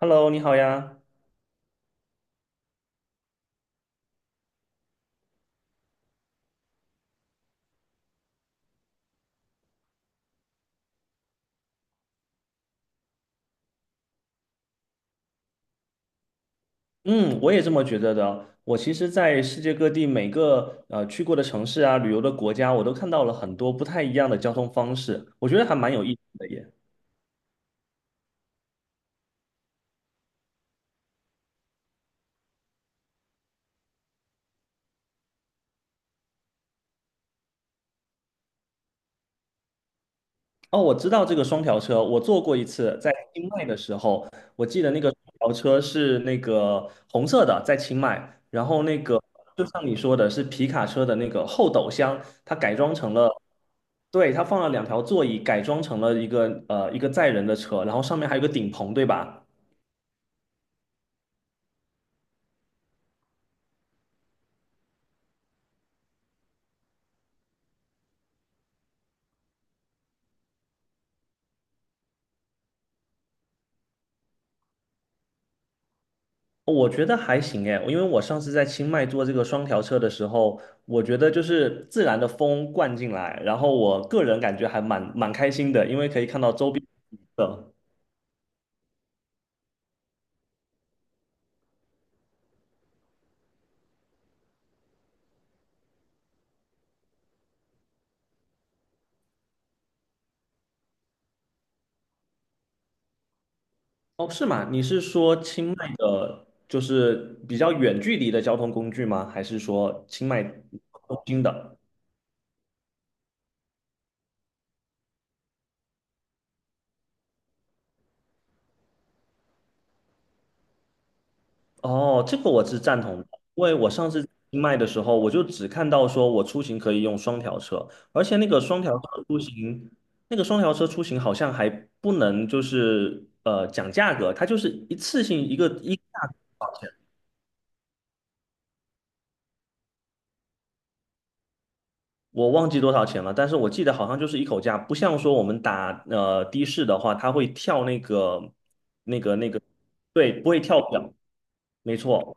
Hello，你好呀。嗯，我也这么觉得的。我其实，在世界各地每个去过的城市啊，旅游的国家，我都看到了很多不太一样的交通方式，我觉得还蛮有意思的耶。哦，我知道这个双条车，我坐过一次，在清迈的时候，我记得那个双条车是那个红色的，在清迈，然后那个就像你说的，是皮卡车的那个后斗箱，它改装成了。对，它放了两条座椅，改装成了一个一个载人的车，然后上面还有个顶棚，对吧？我觉得还行诶，因为我上次在清迈坐这个双条车的时候，我觉得就是自然的风灌进来，然后我个人感觉还蛮开心的，因为可以看到周边的。哦，是吗？你是说清迈的，就是比较远距离的交通工具吗？还是说清迈中心的？哦，这个我是赞同的，因为我上次卖的时候，我就只看到说我出行可以用双条车，而且那个双条车出行，那个双条车出行好像还不能就是讲价格，它就是一次性一个一个价格多少钱，我忘记多少钱了，但是我记得好像就是一口价，不像说我们打的士的话，它会跳那个那个，对，不会跳表，没错，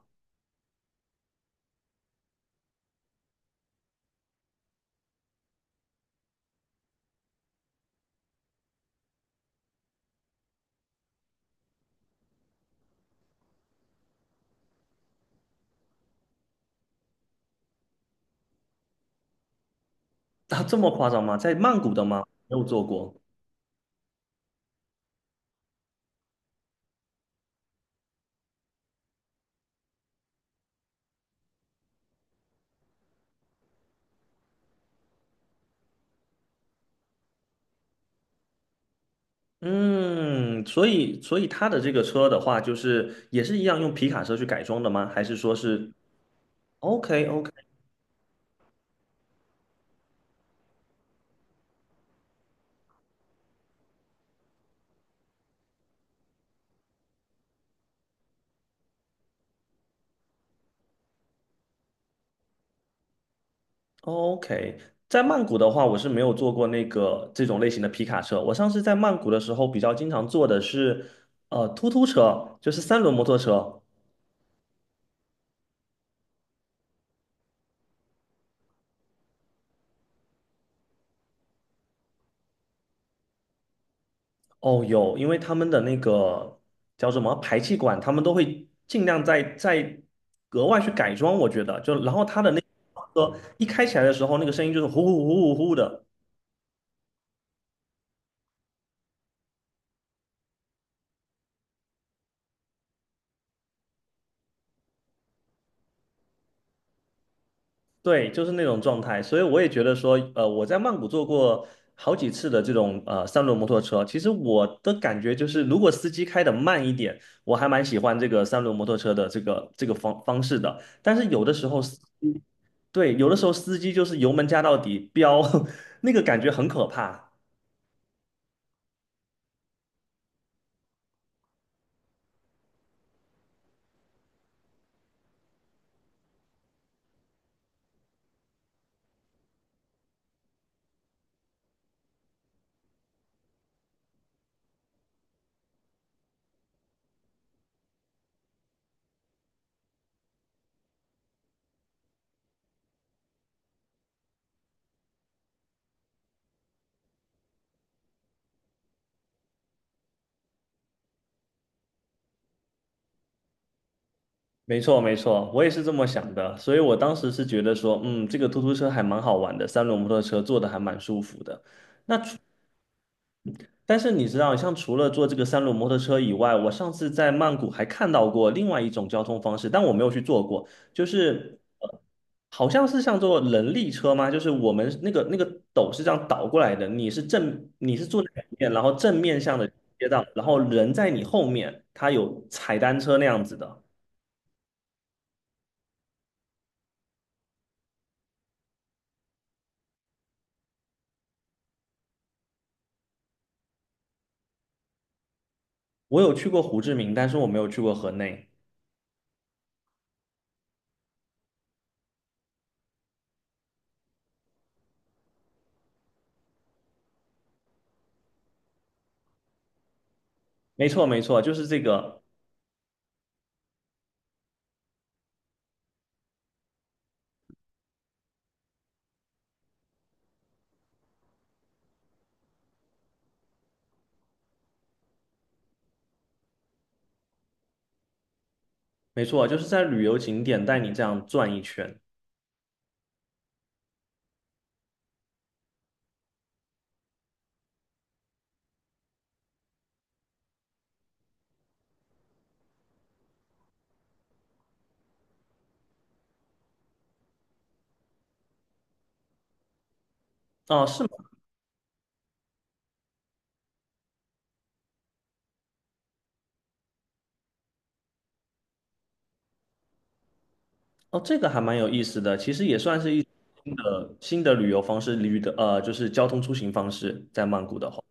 啊，这么夸张吗？在曼谷的吗？没有做过。嗯，所以他的这个车的话，就是也是一样用皮卡车去改装的吗？还是说是 OK OK？在曼谷的话，我是没有坐过那个这种类型的皮卡车。我上次在曼谷的时候，比较经常坐的是突突车，就是三轮摩托车。哦，有，因为他们的那个叫什么排气管，他们都会尽量在格外去改装。我觉得，就然后他的那个车一开起来的时候，那个声音就是呼呼呼呼呼的。对，就是那种状态，所以我也觉得说，我在曼谷坐过好几次的这种三轮摩托车。其实我的感觉就是，如果司机开的慢一点，我还蛮喜欢这个三轮摩托车的这个方式的。但是有的时候司机，对，有的时候司机就是油门加到底飙，那个感觉很可怕。没错，没错，我也是这么想的。所以我当时是觉得说，嗯，这个突突车还蛮好玩的，三轮摩托车坐的还蛮舒服的。但是你知道，像除了坐这个三轮摩托车以外，我上次在曼谷还看到过另外一种交通方式，但我没有去坐过，就是好像是像坐人力车吗？就是我们那个斗是这样倒过来的，你是坐在里面，然后正面向的街道，然后人在你后面，他有踩单车那样子的。我有去过胡志明，但是我没有去过河内。没错，没错，就是这个，没错，就是在旅游景点带你这样转一圈。哦，是吗？哦，这个还蛮有意思的，其实也算是一种新的旅游方式，就是交通出行方式，在曼谷的话，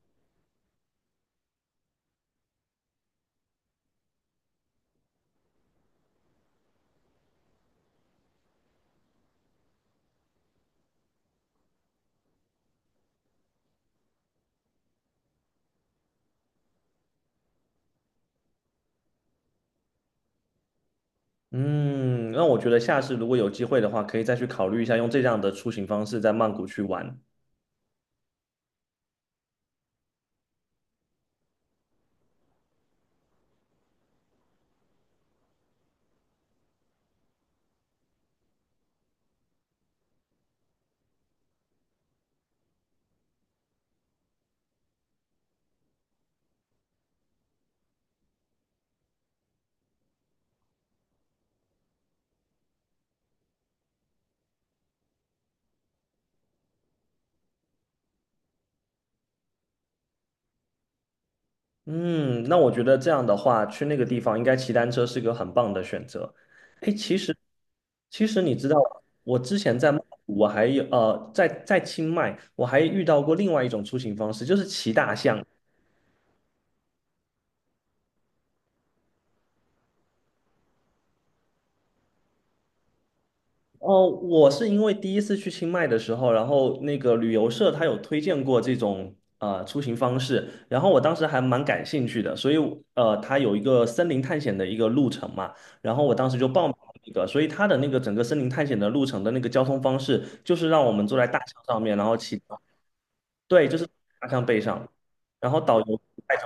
嗯，那我觉得下次如果有机会的话，可以再去考虑一下用这样的出行方式在曼谷去玩。嗯，那我觉得这样的话，去那个地方应该骑单车是个很棒的选择。哎，其实你知道，我之前在曼谷，我还在清迈，我还遇到过另外一种出行方式，就是骑大象。哦，我是因为第一次去清迈的时候，然后那个旅游社他有推荐过这种出行方式，然后我当时还蛮感兴趣的，所以他有一个森林探险的一个路程嘛，然后我当时就报名了那个，所以他的那个整个森林探险的路程的那个交通方式，就是让我们坐在大象上面，然后骑，对，就是大象背上，然后导游带着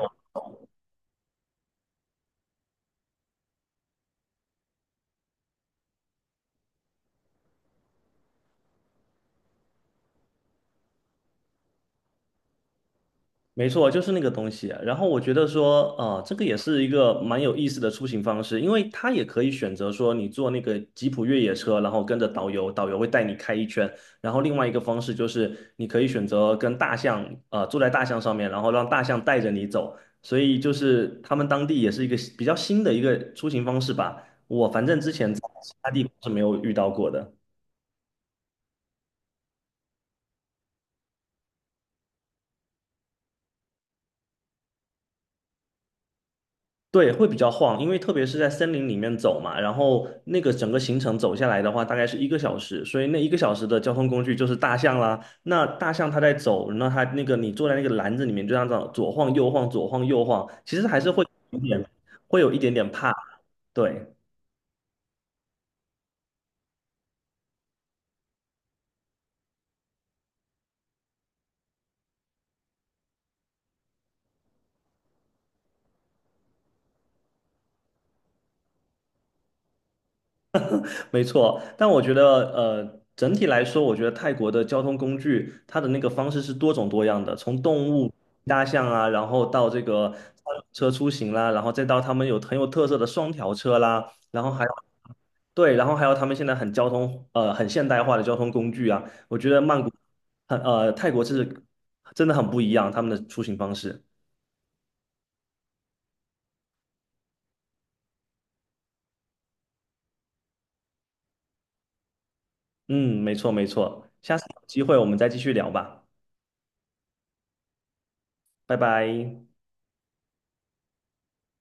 没错，就是那个东西。然后我觉得说，啊、这个也是一个蛮有意思的出行方式，因为它也可以选择说你坐那个吉普越野车，然后跟着导游，导游会带你开一圈。然后另外一个方式就是你可以选择跟大象，坐在大象上面，然后让大象带着你走。所以就是他们当地也是一个比较新的一个出行方式吧。我反正之前在其他地方是没有遇到过的。对，会比较晃，因为特别是在森林里面走嘛，然后那个整个行程走下来的话，大概是一个小时，所以那一个小时的交通工具就是大象啦。那大象它在走，那它那个你坐在那个篮子里面，就这样子左晃右晃，左晃右晃，其实还是会有一点，会有一点点怕。对，没错，但我觉得，整体来说，我觉得泰国的交通工具，它的那个方式是多种多样的，从动物、大象啊，然后到这个三轮车出行啦，然后再到他们有很有特色的双条车啦，然后还有对，然后还有他们现在很交通，很现代化的交通工具啊，我觉得曼谷很，泰国是真的很不一样，他们的出行方式。嗯，没错没错，下次有机会我们再继续聊吧，拜拜。